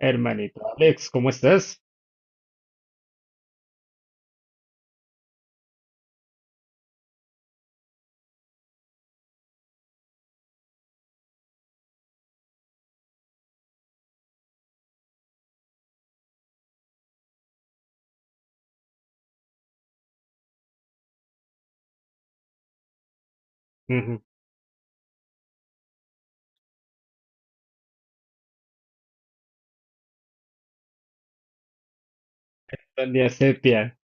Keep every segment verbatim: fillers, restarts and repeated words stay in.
Hermanito Alex, ¿cómo estás? Ujú. Tania Sepia.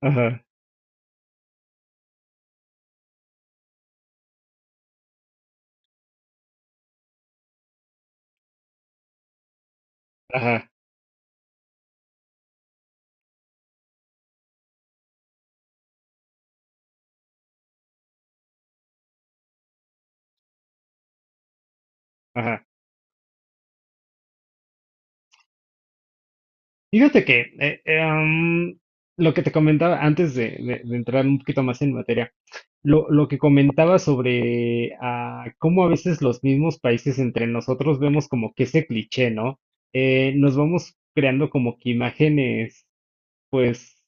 Ajá, ajá, ajá. Fíjate que eh, eh, am, lo que te comentaba antes de, de- de entrar un poquito más en materia, lo, lo que comentaba sobre ah, cómo a veces los mismos países entre nosotros vemos como que ese cliché, ¿no? Eh, nos vamos creando como que imágenes, pues,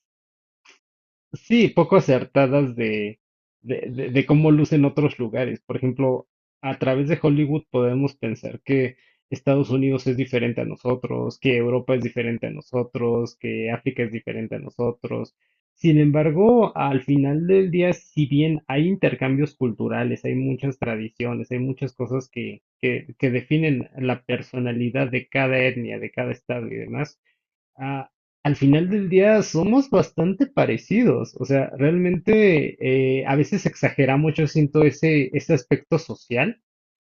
sí, poco acertadas de, de, de- de cómo lucen otros lugares. Por ejemplo, a través de Hollywood podemos pensar que Estados Unidos es diferente a nosotros, que Europa es diferente a nosotros, que África es diferente a nosotros. Sin embargo, al final del día, si bien hay intercambios culturales, hay muchas tradiciones, hay muchas cosas que, que, que definen la personalidad de cada etnia, de cada estado y demás. Ah, Al final del día somos bastante parecidos, o sea, realmente eh, a veces exagera mucho, siento ese, ese aspecto social,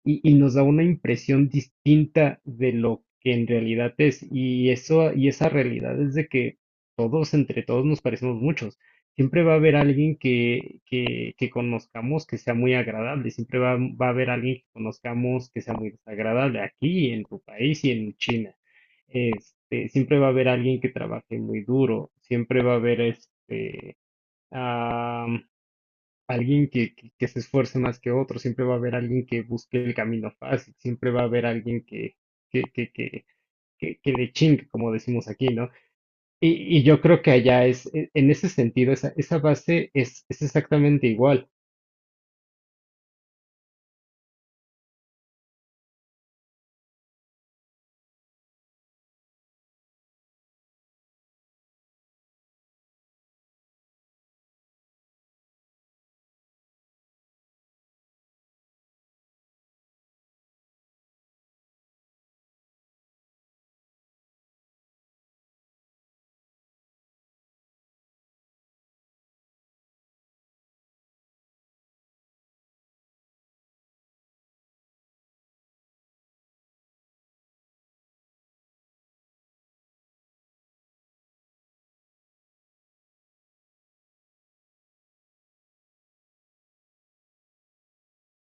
y, y nos da una impresión distinta de lo que en realidad es. Y eso, y esa realidad es de que todos, entre todos, nos parecemos muchos. Siempre va a haber alguien que, que, que conozcamos que sea muy agradable, siempre va, va a haber alguien que conozcamos que sea muy desagradable aquí, en tu país y en China. Este, siempre va a haber alguien que trabaje muy duro, siempre va a haber este, alguien que, que, que se esfuerce más que otro, siempre va a haber alguien que busque el camino fácil, siempre va a haber alguien que, que, que, que, que, que le chingue, como decimos aquí, ¿no? Y, y yo creo que allá es, e- en ese sentido, esa, esa base es, es exactamente igual.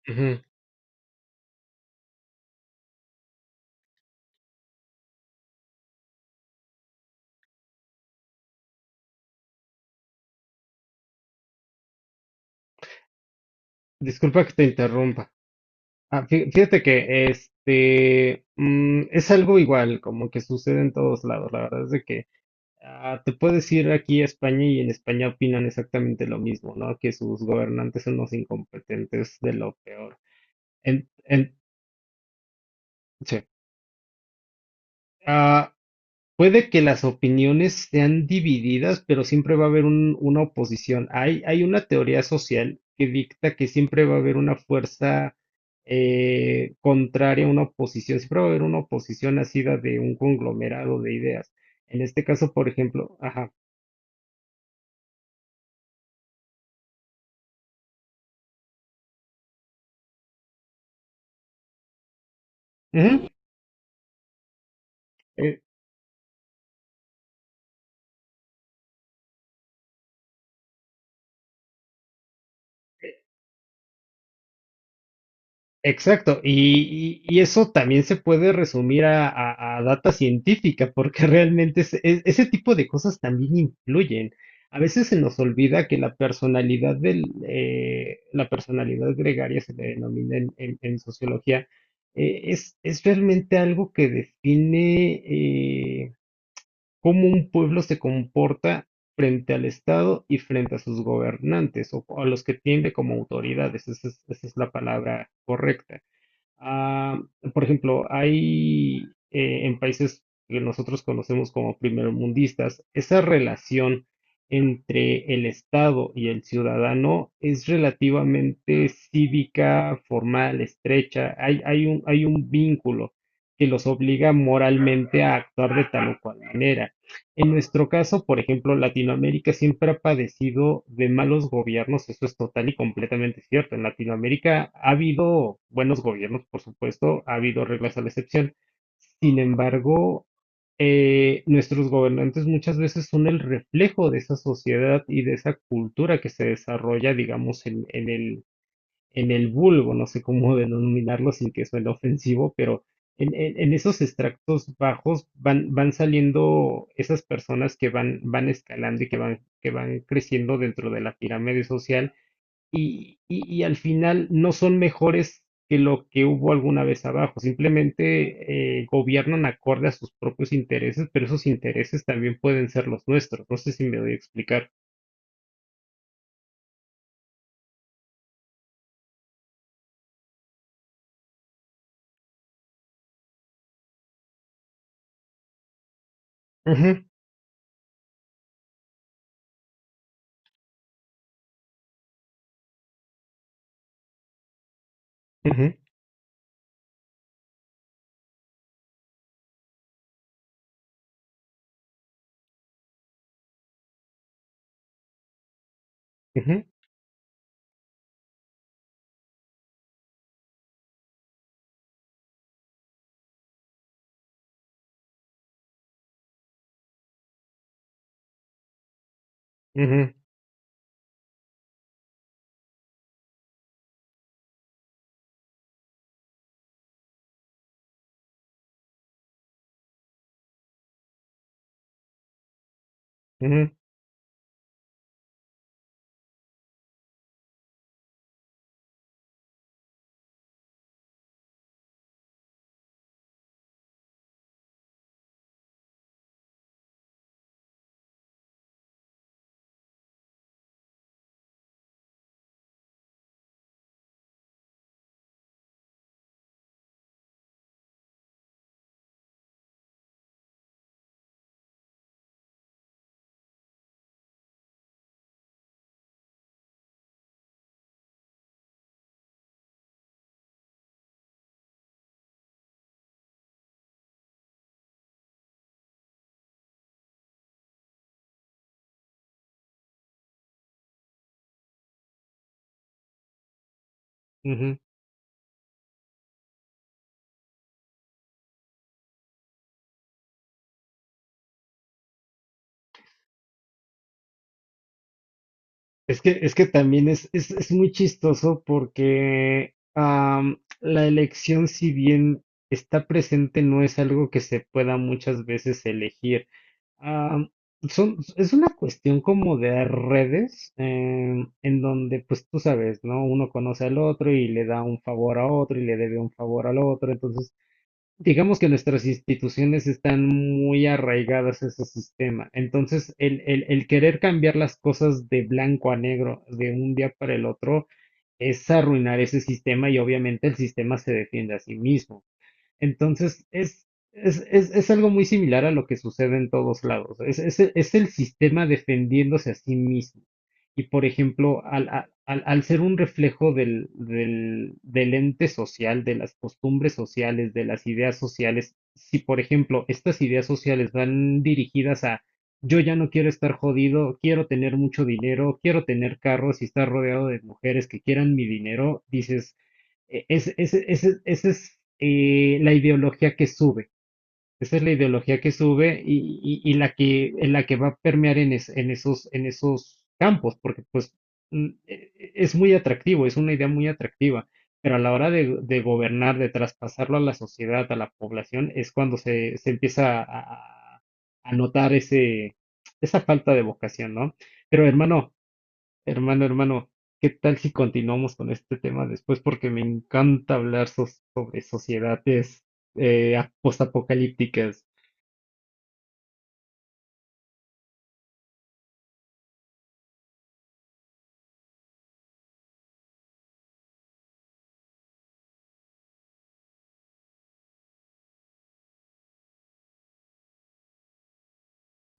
Ujú. Disculpa que te interrumpa. Ah, fí- fíjate que este mm, es algo igual, como que sucede en todos lados. La verdad es de que ah, te puedes ir aquí a España y en España opinan exactamente lo mismo, ¿no? Que sus gobernantes son unos incompetentes de lo peor. En, en- sí. Ah, puede que las opiniones sean divididas, pero siempre va a haber un- una oposición. Hay, hay una teoría social que dicta que siempre va a haber una fuerza eh, contraria, una oposición. Siempre va a haber una oposición nacida de un conglomerado de ideas. En este caso, por ejemplo, ajá. Ujú, eh, exacto, y, y- y eso también se puede resumir a, a- a data científica, porque realmente es- es- ese tipo de cosas también influyen. A veces se nos olvida que la personalidad del, eh, la personalidad gregaria se le denomina en, en- en sociología, eh, es, es realmente algo que define eh, cómo un pueblo se comporta frente al Estado y frente a sus gobernantes o a los que tiende como autoridades. Esa es- esa es la palabra correcta. Ah, por ejemplo, hay eh, en países que nosotros conocemos como primermundistas, esa relación entre el Estado y el ciudadano es relativamente cívica, formal, estrecha. Hay, hay un, hay un vínculo que los obliga moralmente a actuar de tal o cual manera. En nuestro caso, por ejemplo, Latinoamérica siempre ha padecido de malos gobiernos, eso es total y completamente cierto. En Latinoamérica ha habido buenos gobiernos, por supuesto, ha habido reglas a la excepción. Sin embargo, eh, nuestros gobernantes muchas veces son el reflejo de esa sociedad y de esa cultura que se desarrolla, digamos, en, en el, en el vulgo, no sé cómo denominarlo sin que suene ofensivo, pero en, en- en esos extractos bajos van, van saliendo esas personas que van, van escalando y que van, que van creciendo dentro de la pirámide social y, y- y al final no son mejores que lo que hubo alguna vez abajo, simplemente eh, gobiernan acorde a sus propios intereses, pero esos intereses también pueden ser los nuestros, no sé si me doy a explicar. Ujú, ujú, ujú, ujú, ujú, ujú. Es que, es que también es, es, es muy chistoso porque am, la elección, si bien está presente, no es algo que se pueda muchas veces elegir. Am, son, es una cuestión como de redes em, en donde, pues tú sabes, ¿no? Uno conoce al otro y le da un favor a otro y le debe un favor al otro. Entonces, digamos que nuestras instituciones están muy arraigadas a ese sistema. Entonces, el, el, el querer cambiar las cosas de blanco a negro de un día para el otro es arruinar ese sistema y obviamente el sistema se defiende a sí mismo. Entonces, es, es, es, es algo muy similar a lo que sucede en todos lados. Es, es, el- es el sistema defendiéndose a sí mismo. Y, por ejemplo, al, a- al, al ser un reflejo del, del, del ente social, de las costumbres sociales, de las ideas sociales, si, por ejemplo, estas ideas sociales van dirigidas a yo ya no quiero estar jodido, quiero tener mucho dinero, quiero tener carros y estar rodeado de mujeres que quieran mi dinero, dices, e- Ese, ese- ese- esa es eh, la ideología que sube. Esa es la ideología que sube y, y- y la que, en la que va a permear en, es- en esos, en esos campos, porque pues mm, e- e- es muy atractivo, es una idea muy atractiva, pero a la hora de, de gobernar, de traspasarlo a la sociedad, a la población, es cuando se, se empieza a, a- a notar ese, esa falta de vocación, ¿no? Pero hermano, hermano, hermano, ¿qué tal si continuamos con este tema después? Porque me encanta hablar so- sobre sociedades eh, ap- postapocalípticas.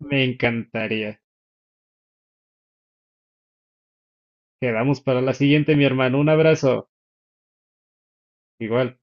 Me encantaría. Quedamos para la siguiente, mi hermano. Un abrazo. Igual.